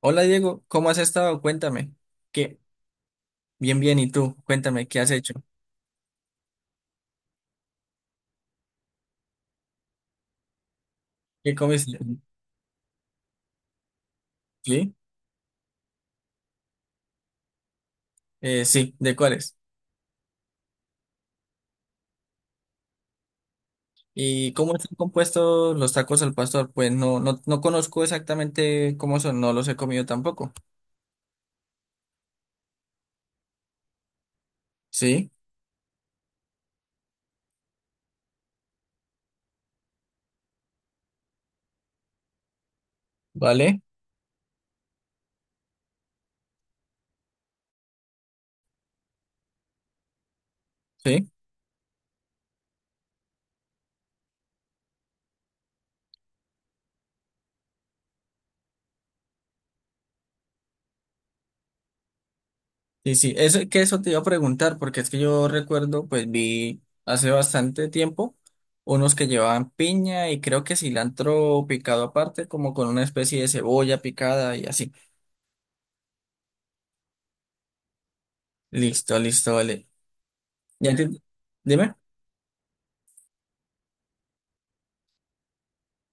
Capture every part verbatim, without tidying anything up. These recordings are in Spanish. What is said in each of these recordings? Hola Diego, ¿cómo has estado? Cuéntame. ¿Qué? Bien, bien, ¿y tú? Cuéntame, ¿qué has hecho? ¿Qué comiste? ¿Sí? Eh, sí, ¿de cuáles? ¿Y cómo están compuestos los tacos al pastor? Pues no, no, no conozco exactamente cómo son, no los he comido tampoco. ¿Sí? ¿Vale? ¿Sí? Sí, sí, eso, que eso te iba a preguntar, porque es que yo recuerdo, pues vi hace bastante tiempo unos que llevaban piña y creo que cilantro picado aparte, como con una especie de cebolla picada y así. Listo, listo, vale. Ya entiendo. Dime.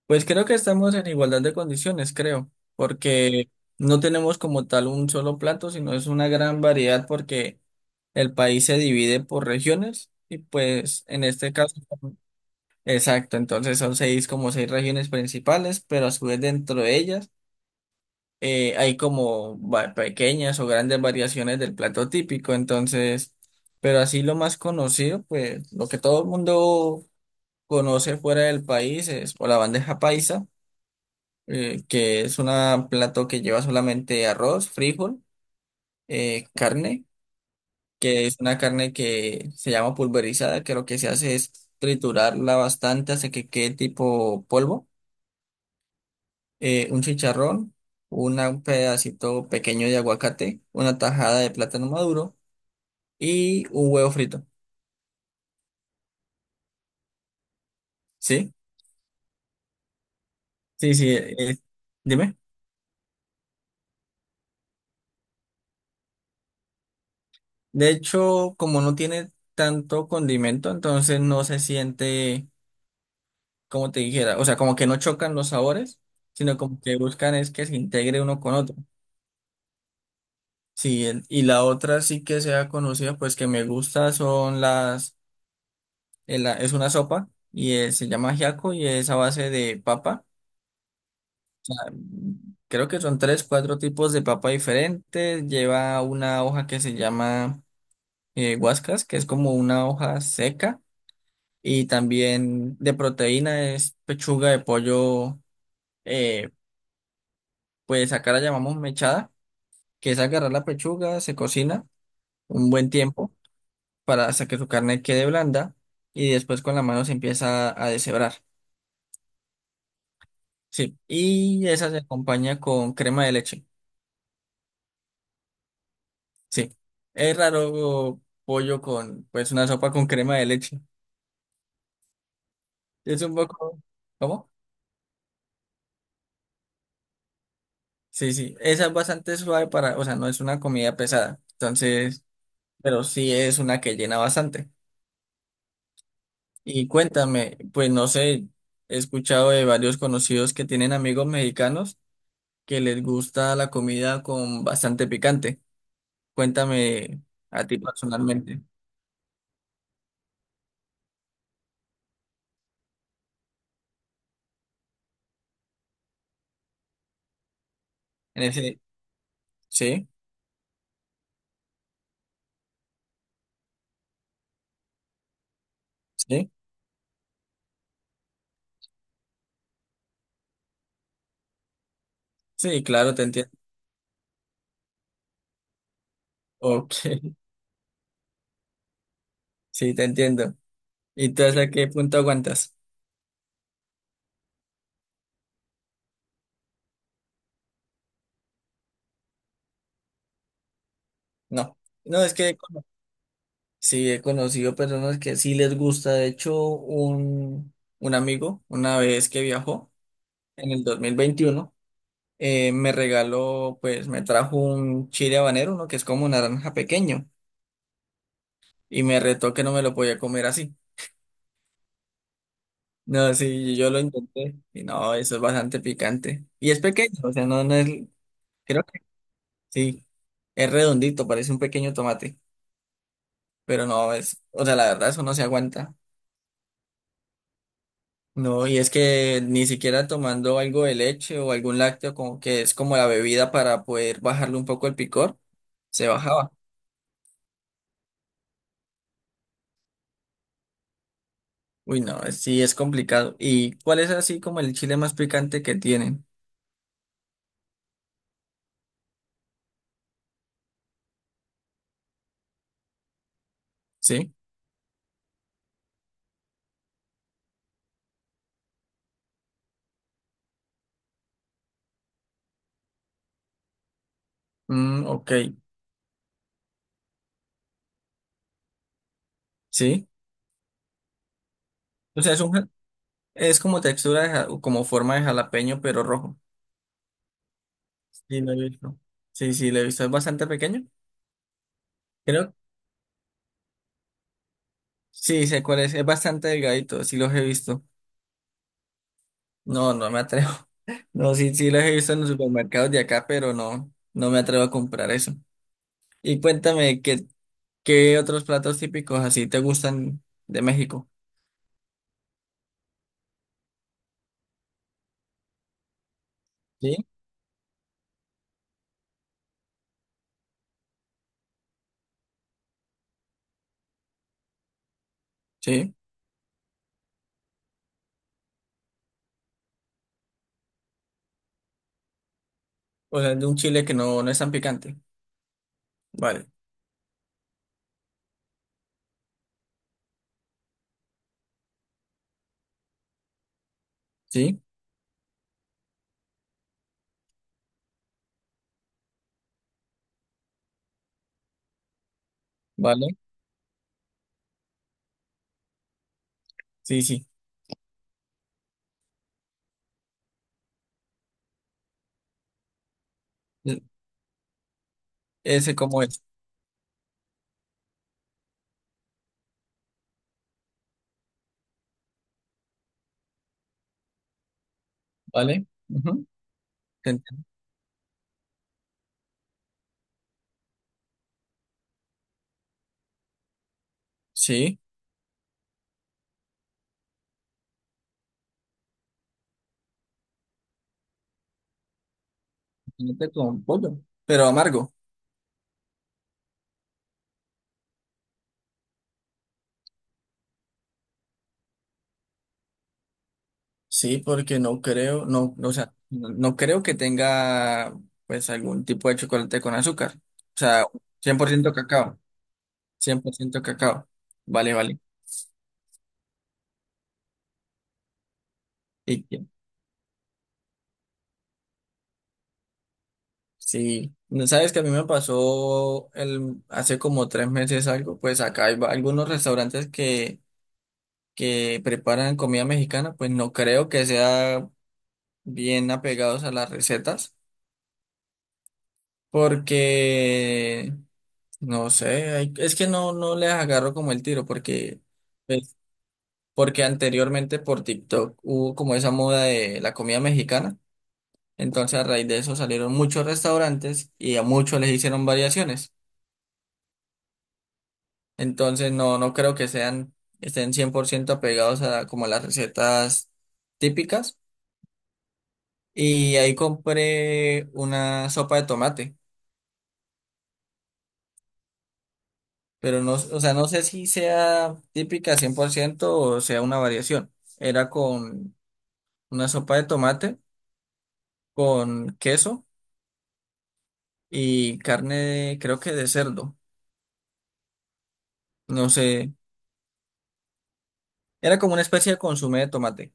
Pues creo que estamos en igualdad de condiciones, creo, porque no tenemos como tal un solo plato, sino es una gran variedad porque el país se divide por regiones y pues en este caso, exacto, entonces son seis como seis regiones principales, pero a su vez dentro de ellas eh, hay como va- pequeñas o grandes variaciones del plato típico, entonces, pero así lo más conocido, pues lo que todo el mundo conoce fuera del país es o la bandeja paisa, eh, que es un plato que lleva solamente arroz, frijol, eh, carne, que es una carne que se llama pulverizada, que lo que se hace es triturarla bastante hasta que quede tipo polvo. Eh, Un chicharrón, una- un pedacito pequeño de aguacate, una tajada de plátano maduro y un huevo frito. ¿Sí? Sí, sí, eh, dime. De hecho, como no tiene tanto condimento, entonces no se siente, como te dijera, o sea, como que no chocan los sabores, sino como que buscan es que se integre uno con otro. Sí, el- y la otra sí que sea conocida, pues que me gusta son las, eh, la- es una sopa y es- se llama ajiaco y es a base de papa. O Creo que son tres, cuatro tipos de papa diferentes. Lleva una hoja que se llama eh, guascas, que es como una hoja seca. Y también de proteína es pechuga de pollo. eh, pues acá la llamamos mechada, que es agarrar la pechuga, se cocina un buen tiempo para, hasta que su carne quede blanda, y después con la mano se empieza a deshebrar. Sí, y esa se acompaña con crema de leche. Sí, es raro pollo con, pues, una sopa con crema de leche. Es un poco, ¿cómo? Sí, sí, esa es bastante suave, para, o sea, no es una comida pesada, entonces, pero sí es una que llena bastante. Y cuéntame, pues no sé, he escuchado de varios conocidos que tienen amigos mexicanos que les gusta la comida con bastante picante. Cuéntame a ti personalmente. En ese, sí, sí, sí, claro, te entiendo. Ok, sí, te entiendo. ¿Y tú hasta qué punto aguantas? No, no, es que he cono- sí, he conocido personas que sí les gusta. De hecho, un, un amigo, una vez que viajó en el dos mil veintiuno, eh, me regaló, pues me trajo un chile habanero, uno que es como un naranja pequeño, y me retó que no me lo podía comer así. No, sí, yo lo intenté y no, eso es bastante picante. Y es pequeño, o sea, no, no es, creo que sí, es redondito, parece un pequeño tomate, pero no, es, o sea, la verdad eso no se aguanta. No, y es que ni siquiera tomando algo de leche o algún lácteo, como que es como la bebida para poder bajarle un poco el picor, se bajaba. Uy, no, es- sí, es complicado. ¿Y cuál es así como el chile más picante que tienen? ¿Sí? Mm, ok, sí. O sea, es un, es como textura, de ja- como forma de jalapeño, pero rojo. Sí, lo he visto. Sí, sí, lo he visto. Es bastante pequeño. Creo. Sí, sé cuál es. Es bastante delgadito. Sí, los he visto. No, no me atrevo. No, sí, sí, los he visto en los supermercados de acá, pero no, no me atrevo a comprar eso. Y cuéntame, ¿qué, qué otros platos típicos así te gustan de México? Sí, sí. O sea, de un chile que no, no es tan picante. Vale. Sí, vale. Sí, sí. E- Ese como es. Vale. Ujú. Te entiendo. Sí. Solamente con pollo, pero amargo. Sí, porque no creo, no, no, o sea, no, no creo que tenga pues algún tipo de chocolate con azúcar. O sea, cien por ciento cacao, cien por ciento cacao. Vale, vale. Y que- sí, sabes que a mí me pasó el, hace como tres meses algo, pues acá hay va- algunos restaurantes que, que preparan comida mexicana, pues no creo que sea bien apegados a las recetas, porque no sé, hay- es que no, no les agarro como el tiro porque, pues, porque anteriormente por TikTok hubo como esa moda de la comida mexicana. Entonces a raíz de eso salieron muchos restaurantes y a muchos les hicieron variaciones. Entonces no, no creo que sean, estén cien por ciento apegados a como a las recetas típicas. Y ahí compré una sopa de tomate, pero no, o sea, no sé si sea típica cien por ciento o sea una variación. Era con una sopa de tomate con queso y carne, de- creo que de cerdo, no sé, era como una especie de consomé de tomate.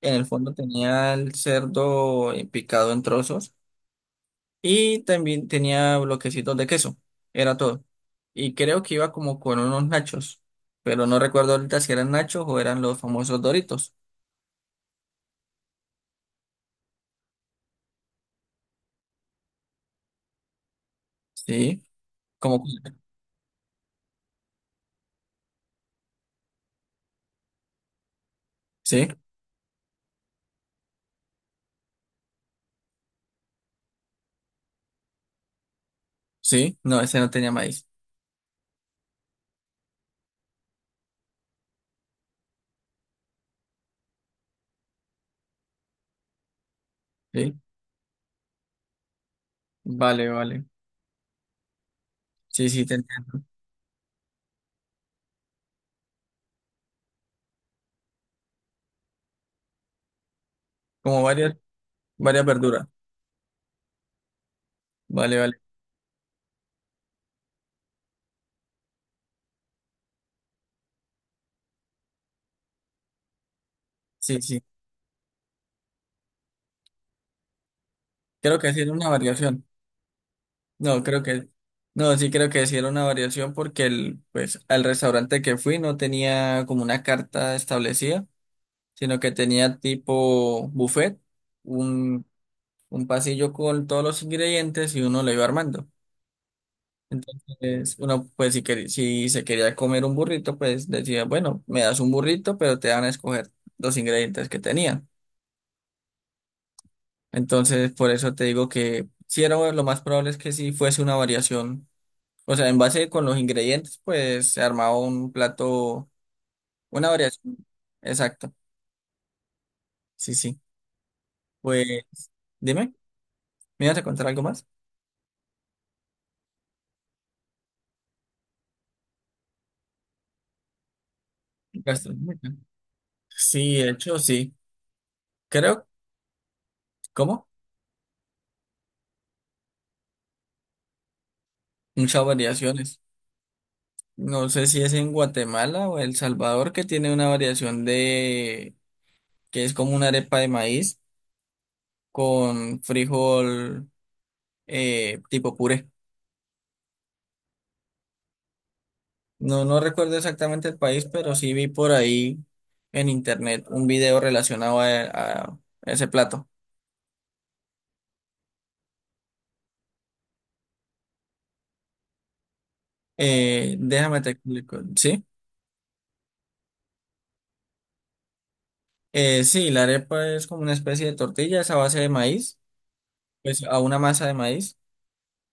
En el fondo tenía el cerdo eh, picado en trozos y también tenía bloquecitos de queso, era todo. Y creo que iba como con unos nachos, pero no recuerdo ahorita si eran nachos o eran los famosos Doritos. Sí, como, sí, sí, no, ese no tenía maíz. Sí, vale, vale. Sí, sí, tenía como varias, varias verduras. Vale, vale. Sí, sí. Creo que sí era una variación. No, creo que. No, sí creo que sí era una variación porque el, pues, al restaurante que fui no tenía como una carta establecida, sino que tenía tipo buffet, un, un pasillo con todos los ingredientes, y uno lo iba armando. Entonces, uno, pues, si quer si se quería comer un burrito, pues decía, bueno, me das un burrito, pero te van a escoger los ingredientes que tenían. Entonces, por eso te digo que si era bueno, lo más probable es que si fuese una variación. O sea, en base con los ingredientes, pues se armaba un plato, una variación. Exacto. Sí, sí. Pues, dime, ¿me ibas a contar algo más? Gastronómica. Sí, de hecho, sí. Creo, ¿cómo? Muchas variaciones. No sé si es en Guatemala o El Salvador que tiene una variación de, que es como una arepa de maíz con frijol eh, tipo puré. No, no recuerdo exactamente el país, pero sí vi por ahí en internet un video relacionado a, a ese plato. Eh, déjame te explico, ¿sí? Eh, sí, la arepa es como una especie de tortilla, es a base de maíz, pues a una masa de maíz,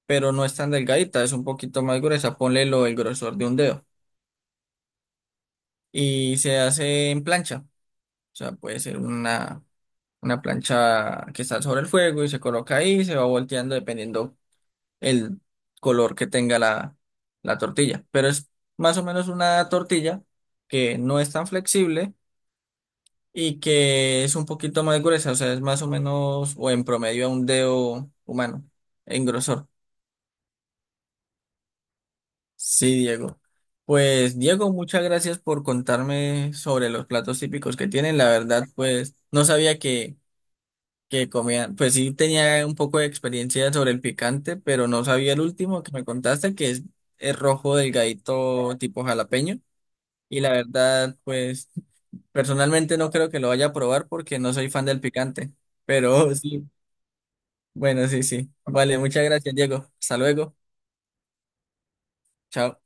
pero no es tan delgadita, es un poquito más gruesa, ponle lo, el grosor de un dedo. Y se hace en plancha, o sea, puede ser una, una plancha que está sobre el fuego y se coloca ahí, se va volteando dependiendo el color que tenga la, la tortilla. Pero es más o menos una tortilla que no es tan flexible y que es un poquito más gruesa, o sea, es más o menos o en promedio a un dedo humano en grosor. Sí, Diego. Pues Diego, muchas gracias por contarme sobre los platos típicos que tienen. La verdad, pues no sabía que que comían, pues sí tenía un poco de experiencia sobre el picante, pero no sabía el último que me contaste, que es el rojo delgadito tipo jalapeño. Y la verdad, pues personalmente no creo que lo vaya a probar porque no soy fan del picante, pero sí, bueno, sí, sí. Vale, muchas gracias, Diego. Hasta luego. Chao.